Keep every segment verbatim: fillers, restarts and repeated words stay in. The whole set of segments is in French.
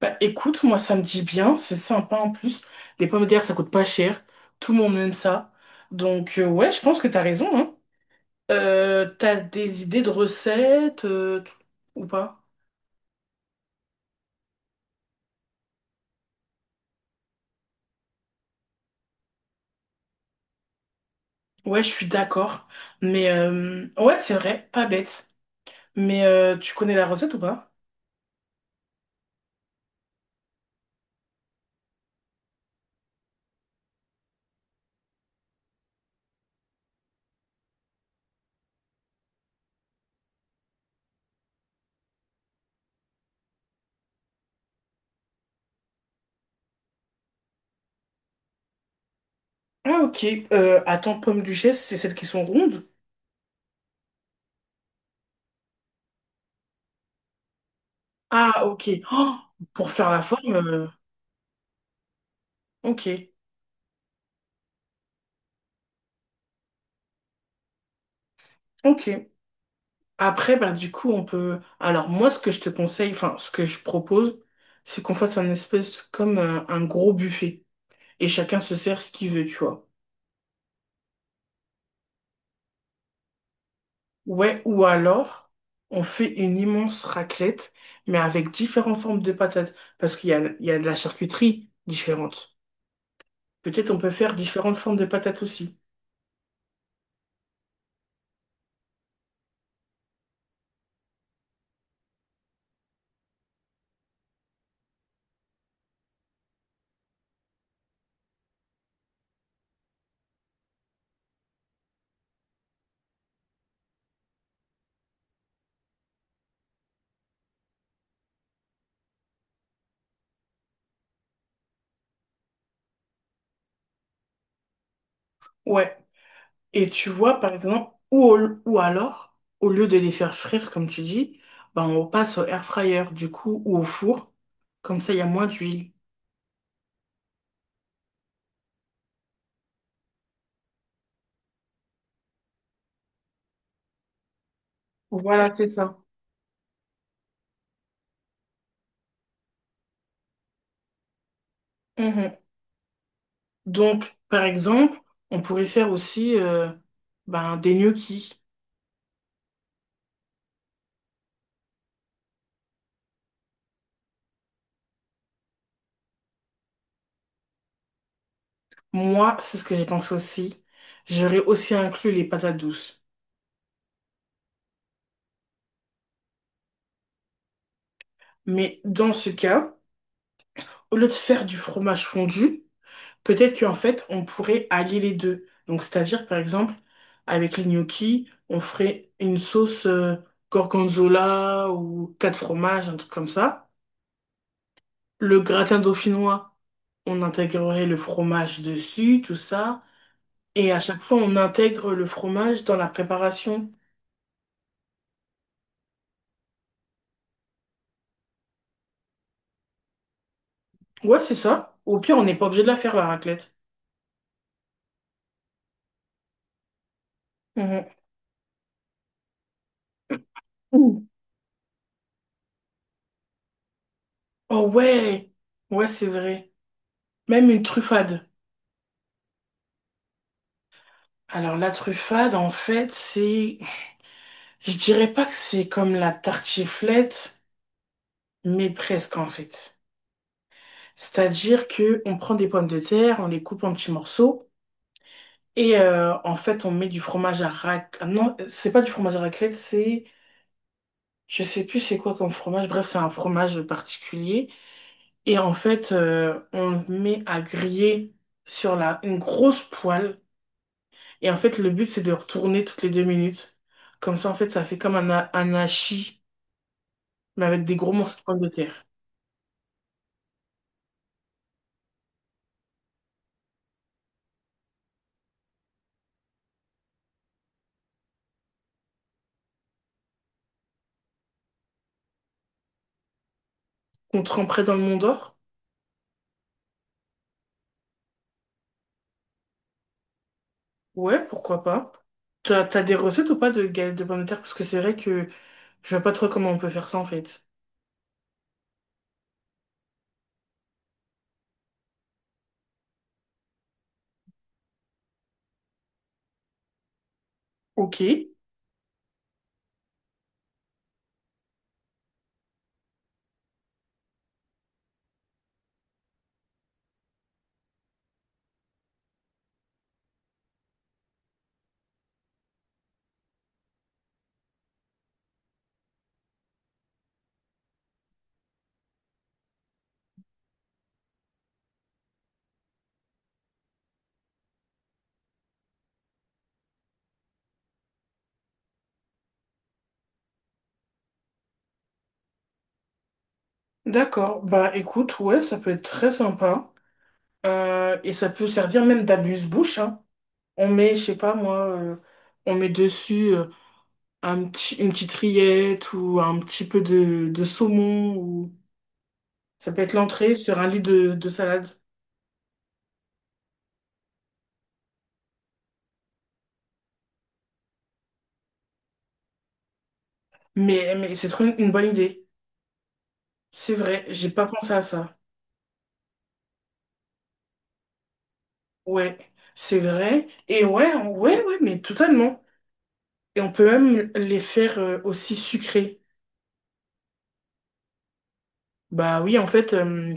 Bah écoute, moi ça me dit bien, c'est sympa en plus. Les pommes de terre ça coûte pas cher, tout le monde aime ça. Donc euh, ouais, je pense que t'as raison, hein. Euh, t'as des idées de recettes euh, t- ou pas? Ouais, je suis d'accord. Mais euh, ouais, c'est vrai, pas bête. Mais euh, tu connais la recette ou pas? Ah ok, euh, attends, pommes duchesse, c'est celles qui sont rondes? Ah ok, oh, pour faire la forme, euh, Ok, ok. Après, ben, du coup, on peut. Alors, moi, ce que je te conseille, enfin, ce que je propose, c'est qu'on fasse un espèce comme un, un gros buffet et chacun se sert ce qu'il veut, tu vois. Ouais, ou alors, on fait une immense raclette, mais avec différentes formes de patates. Parce qu'il y a, il y a de la charcuterie différente. Peut-être on peut faire différentes formes de patates aussi. Ouais. Et tu vois, par exemple, ou, au- ou alors, au lieu de les faire frire, comme tu dis, ben on passe au air fryer, du coup, ou au four. Comme ça, il y a moins d'huile. Voilà, c'est ça. Mhm. Donc, par exemple, on pourrait faire aussi euh, ben, des gnocchis. Moi, c'est ce que j'ai pensé aussi. J'aurais aussi inclus les patates douces. Mais dans ce cas, au lieu de faire du fromage fondu, peut-être qu'en fait, on pourrait allier les deux. Donc, c'est-à-dire, par exemple, avec les gnocchis, on ferait une sauce euh, gorgonzola ou quatre fromages, un truc comme ça. Le gratin dauphinois, on intégrerait le fromage dessus, tout ça. Et à chaque fois, on intègre le fromage dans la préparation. Ouais, c'est ça. Au pire, on n'est pas obligé de la faire, la raclette. Mhm. Ouh. Oh ouais! Ouais, c'est vrai. Même une truffade. Alors, la truffade, en fait, c'est... Je dirais pas que c'est comme la tartiflette, mais presque en fait. C'est-à-dire que on prend des pommes de terre, on les coupe en petits morceaux et euh, en fait on met du fromage à rac... ah non, c'est pas du fromage à raclette, c'est je sais plus c'est quoi comme fromage. Bref, c'est un fromage particulier et en fait euh, on le met à griller sur la une grosse poêle et en fait le but c'est de retourner toutes les deux minutes. Comme ça en fait ça fait comme un, ha- un hachis mais avec des gros morceaux de pommes de terre qu'on tremperait dans le Mont d'Or. Ouais, pourquoi pas. T'as, t'as des recettes ou pas de galettes de pommes de terre? Parce que c'est vrai que je vois pas trop comment on peut faire ça en fait. Ok, d'accord. Bah écoute, ouais, ça peut être très sympa. Euh, et ça peut servir même d'abuse-bouche, hein. On met, je sais pas moi, euh, on met dessus euh, un petit, une petite rillette ou un petit peu de, de saumon ou ça peut être l'entrée sur un lit de, de salade. Mais, mais c'est trop une une bonne idée. C'est vrai, j'ai pas pensé à ça. Ouais, c'est vrai. Et ouais, on- ouais, ouais, mais totalement. Et on peut même les faire euh, aussi sucrés. Bah oui, en fait, euh,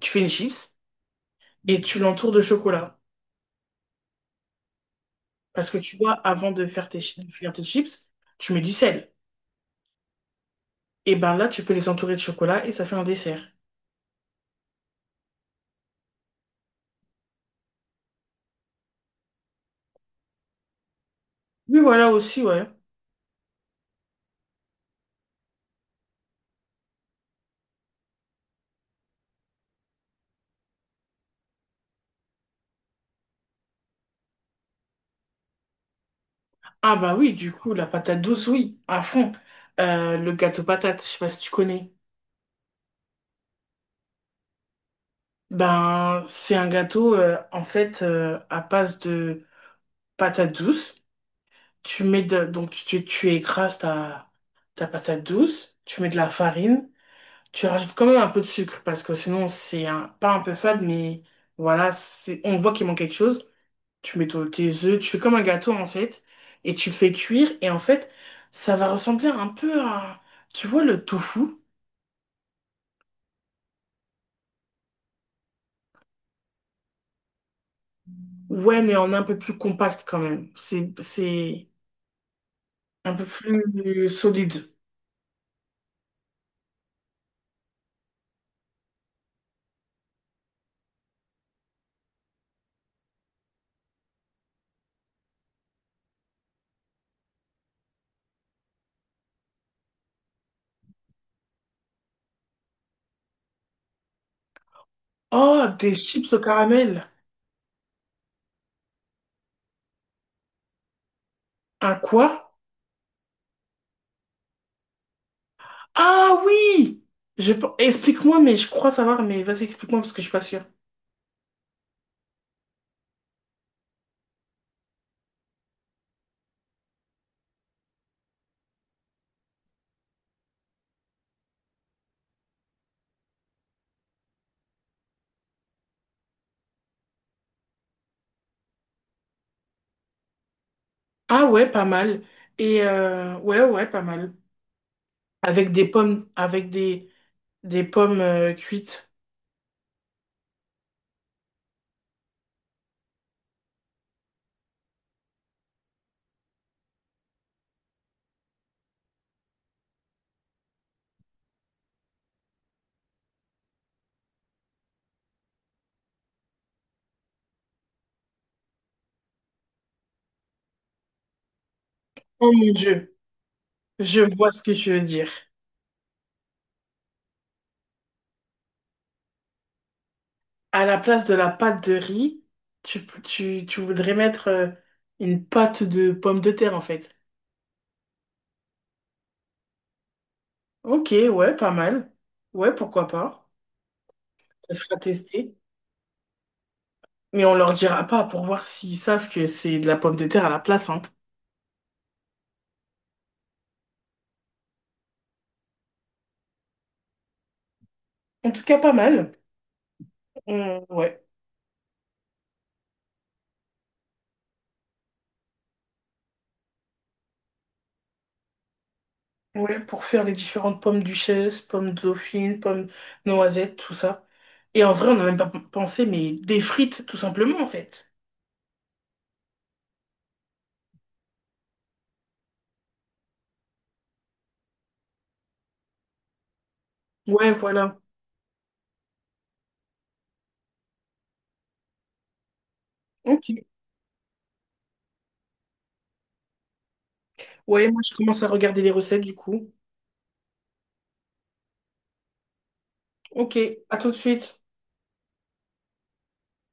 tu fais une chips et tu l'entoures de chocolat. Parce que tu vois, avant de faire tes, chi- de faire tes chips, tu mets du sel. Et ben là, tu peux les entourer de chocolat et ça fait un dessert. Oui, voilà aussi, ouais. Ah bah oui, du coup, la patate douce, oui, à fond. Euh, le gâteau patate, je sais pas si tu connais. Ben, c'est un gâteau, euh, en fait, euh, à base de patate douce. Tu mets de, donc tu, tu écrases ta, ta patate douce, tu mets de la farine, tu rajoutes quand même un peu de sucre parce que sinon c'est un, pas un peu fade, mais voilà, c'est, on voit qu'il manque quelque chose. Tu mets ton- tes œufs, tu fais comme un gâteau en fait, et tu le fais cuire et en fait ça va ressembler un peu à, tu vois, le tofu. Ouais, mais en un peu plus compact quand même. C'est, c'est un peu plus solide. Oh, des chips au caramel. Un quoi? Ah oui! Je... pe- Explique-moi, mais je crois savoir, mais vas-y, explique-moi parce que je suis pas sûre. Ah ouais, pas mal. Et euh, ouais, ouais, pas mal. Avec des pommes, avec des, des pommes euh, cuites. Oh mon Dieu, je vois ce que tu veux dire. À la place de la pâte de riz, tu, tu, tu voudrais mettre euh, une pâte de pommes de terre en fait. Ok, ouais, pas mal. Ouais, pourquoi pas. Ça sera testé. Mais on leur dira pas pour voir s'ils savent que c'est de la pomme de terre à la place, hein. En tout cas, pas mal. On- ouais. Ouais, pour faire les différentes pommes duchesse, pommes dauphine, pommes noisettes, tout ça. Et en vrai, on n'a même pas p- pensé, mais des frites, tout simplement, en fait. Ouais, voilà. Ok. Ouais, moi, je commence à regarder les recettes, du coup. Ok, à tout de suite.